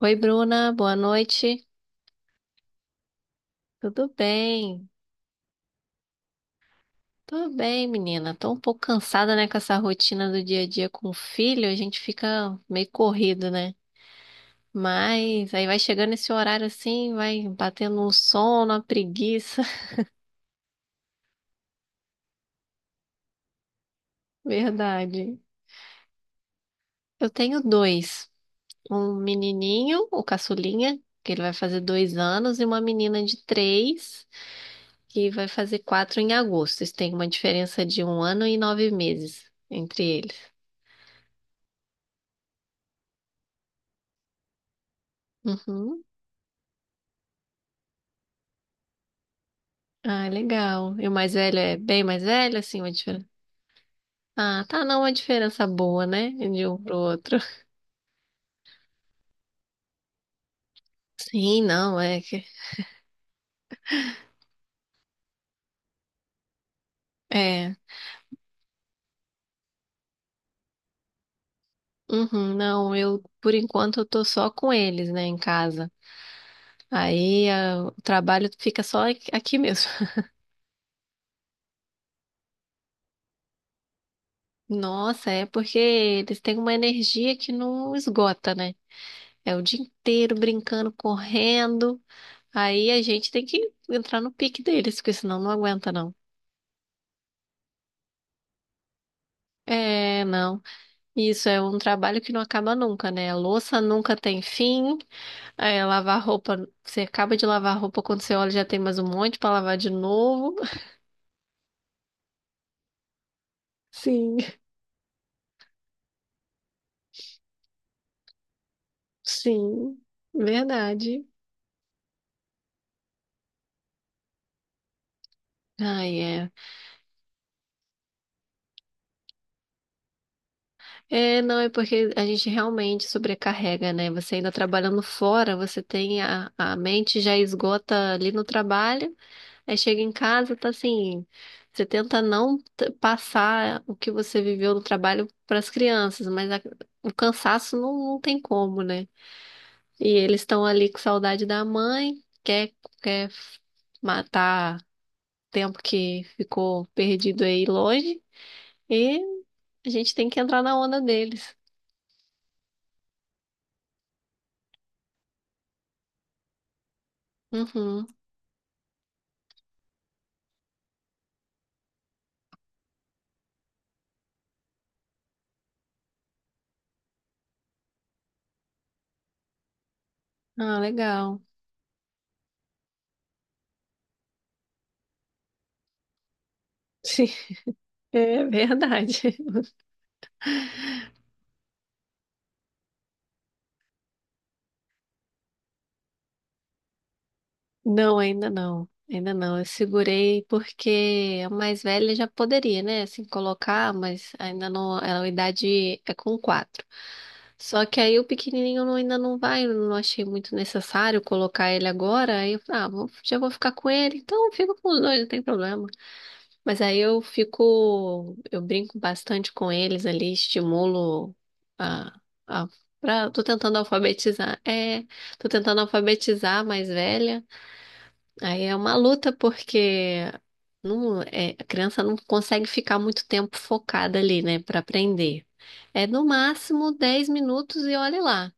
Oi, Bruna, boa noite. Tudo bem? Tudo bem, menina. Tô um pouco cansada, né, com essa rotina do dia a dia com o filho. A gente fica meio corrido, né? Mas aí vai chegando esse horário assim, vai batendo um sono, uma preguiça. Verdade. Eu tenho dois. Um menininho, o caçulinha, que ele vai fazer 2 anos, e uma menina de três, que vai fazer quatro em agosto. Isso tem uma diferença de 1 ano e 9 meses entre eles. Uhum. Ah, legal. E o mais velho é bem mais velho, assim, uma diferença. Ah, tá, não, uma diferença boa, né? De um pro outro. Sim, não, é que. É. Uhum, não, eu, por enquanto, eu tô só com eles, né, em casa. Aí ah, o trabalho fica só aqui aqui mesmo. Nossa, é porque eles têm uma energia que não esgota, né? É o dia inteiro brincando, correndo. Aí a gente tem que entrar no pique deles, porque senão não aguenta, não. É, não. Isso é um trabalho que não acaba nunca, né? A louça nunca tem fim. É, lavar roupa, você acaba de lavar a roupa quando você olha já tem mais um monte para lavar de novo. Sim, sim, verdade. Ai, é. É, não, é porque a gente realmente sobrecarrega, né? Você ainda trabalhando fora, você tem a mente já esgota ali no trabalho. Aí chega em casa, tá assim, você tenta não passar o que você viveu no trabalho para as crianças, mas o cansaço não, não tem como, né? E eles estão ali com saudade da mãe, quer matar tempo que ficou perdido aí longe, e a gente tem que entrar na onda deles. Uhum. Ah, legal. Sim, é verdade. Não, ainda não. Ainda não. Eu segurei porque a mais velha já poderia, né? Assim, colocar, mas ainda não. Ela, a idade é com quatro. Só que aí o pequenininho ainda não vai, eu não achei muito necessário colocar ele agora. Aí eu falei, ah, já vou ficar com ele, então fica com os dois, não tem problema. Mas aí eu fico, eu brinco bastante com eles ali, estimulo a, a tô tentando alfabetizar. É, tô tentando alfabetizar a mais velha. Aí é uma luta porque não, é, a criança não consegue ficar muito tempo focada ali, né, para aprender. É no máximo 10 minutos e olha lá.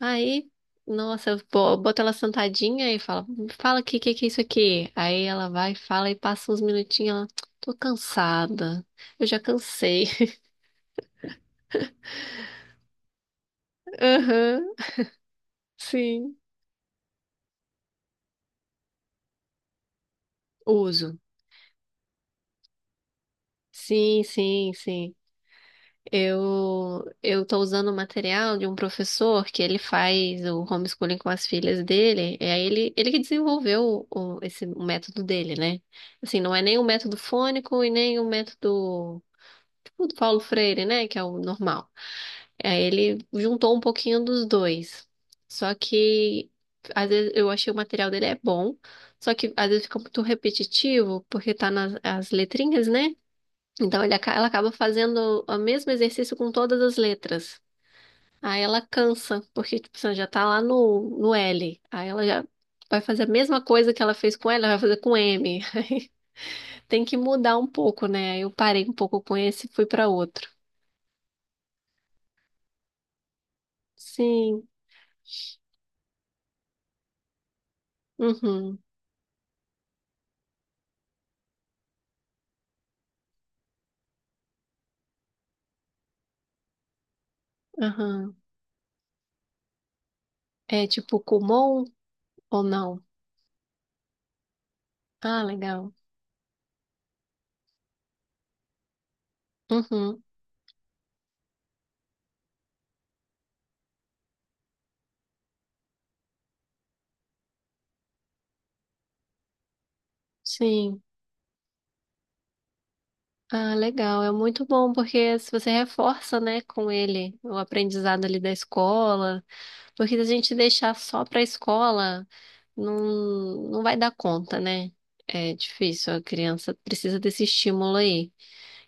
Aí, nossa, eu boto ela sentadinha e fala, fala aqui, o que que é isso aqui? Aí ela vai, fala e passa uns minutinhos, ela, tô cansada, eu já cansei. Aham, sim. Uso. Sim, sim, sim. Eu tô usando o material de um professor que ele faz o homeschooling com as filhas dele. É ele que desenvolveu esse o método dele, né? Assim, não é nem o método fônico e nem o método tipo do Paulo Freire, né? Que é o normal. É, ele juntou um pouquinho dos dois. Só que às vezes eu achei o material dele é bom, só que às vezes fica muito repetitivo porque tá nas as letrinhas, né? Então ela acaba fazendo o mesmo exercício com todas as letras. Aí ela cansa, porque tipo, você já tá lá no L. Aí ela já vai fazer a mesma coisa que ela fez com L, ela vai fazer com M. Aí tem que mudar um pouco, né? Aí eu parei um pouco com esse e fui para outro. Sim. Uhum. Aham. É tipo Kumon ou não? Ah, legal. Uhum. Sim. Ah, legal. É muito bom porque se você reforça, né, com ele o aprendizado ali da escola, porque se a gente deixar só para a escola, não, não vai dar conta, né? É difícil, a criança precisa desse estímulo aí.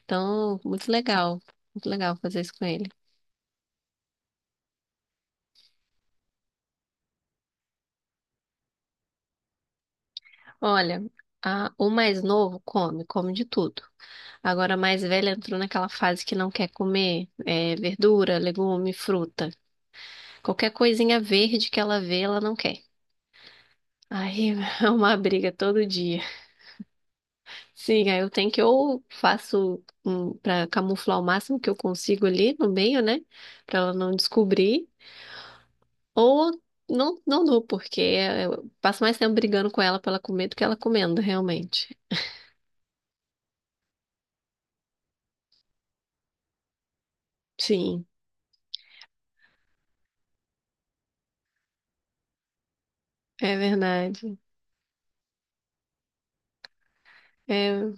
Então, muito legal. Muito legal fazer isso com ele. Olha, o mais novo come, come de tudo. Agora, a mais velha entrou naquela fase que não quer comer, é, verdura, legume, fruta. Qualquer coisinha verde que ela vê, ela não quer. Aí é uma briga todo dia. Sim, aí eu tenho que ou faço um, para camuflar o máximo que eu consigo ali no meio, né? Pra ela não descobrir, ou não, não dou, porque é, eu passo mais tempo brigando com ela pra ela comer do que ela comendo, realmente. Sim, é verdade. É,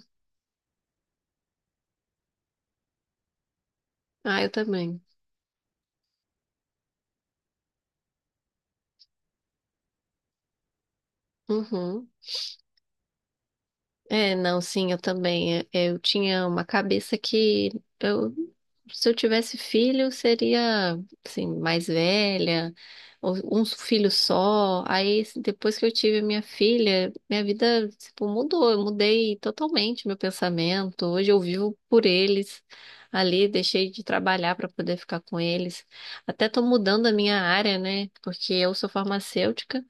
ah, eu também. Uhum. É, não, sim, eu também. É, eu tinha uma cabeça que eu, se eu tivesse filho, seria assim, mais velha, ou um filho só. Aí, assim, depois que eu tive minha filha, minha vida, tipo, mudou. Eu mudei totalmente meu pensamento. Hoje eu vivo por eles ali, deixei de trabalhar para poder ficar com eles. Até tô mudando a minha área, né? Porque eu sou farmacêutica.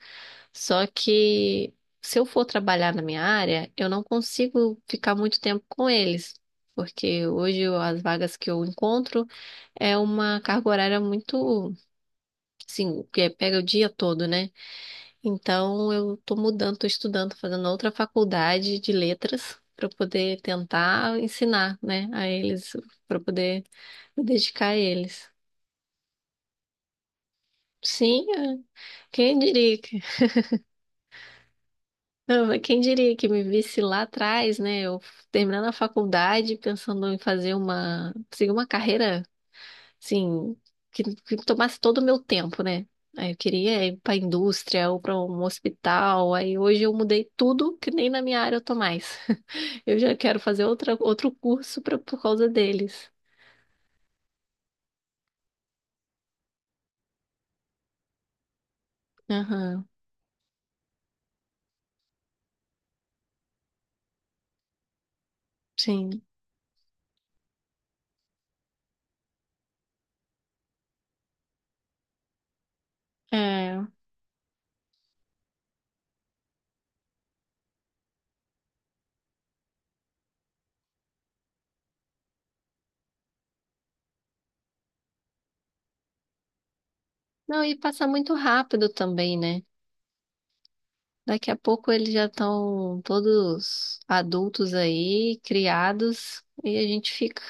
Só que se eu for trabalhar na minha área, eu não consigo ficar muito tempo com eles, porque hoje as vagas que eu encontro é uma carga horária muito, assim, que é, pega o dia todo, né? Então eu tô mudando, tô estudando, fazendo outra faculdade de letras para poder tentar ensinar, né, a eles, para poder me dedicar a eles. Sim, é. Quem diria? Não, mas quem diria que me visse lá atrás, né? Eu terminando a faculdade, pensando em fazer uma, seguir uma carreira, assim, que tomasse todo o meu tempo, né? Aí eu queria ir para a indústria ou para um hospital. Aí hoje eu mudei tudo, que nem na minha área eu tô mais. Eu já quero fazer outro curso pra, por causa deles. Aham, sim. É. Não, e passa muito rápido também, né? Daqui a pouco eles já estão todos adultos aí, criados, e a gente fica.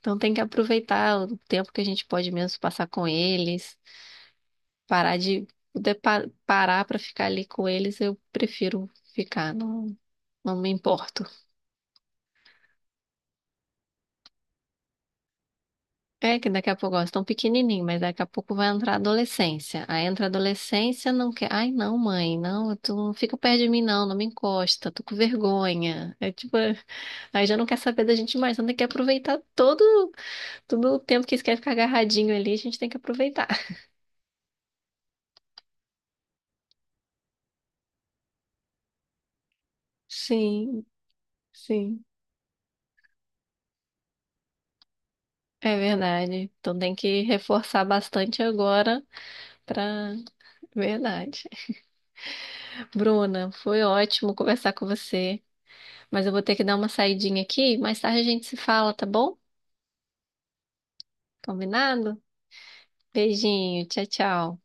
Então tem que aproveitar o tempo que a gente pode mesmo passar com eles, parar de parar para ficar ali com eles, eu prefiro ficar, não, não me importo. É que daqui a pouco, ó, estão pequenininho, mas daqui a pouco vai entrar a adolescência. Aí entra a adolescência, não quer. Ai, não, mãe, não, tu não fica perto de mim, não, não me encosta, tô com vergonha. É tipo, aí já não quer saber da gente mais, então tem que aproveitar todo, todo o tempo que eles querem ficar agarradinho ali, a gente tem que aproveitar. Sim, sim, é verdade. Então tem que reforçar bastante agora pra. Verdade. Bruna, foi ótimo conversar com você. Mas eu vou ter que dar uma saidinha aqui. Mais tarde a gente se fala, tá bom? Combinado? Beijinho, tchau, tchau.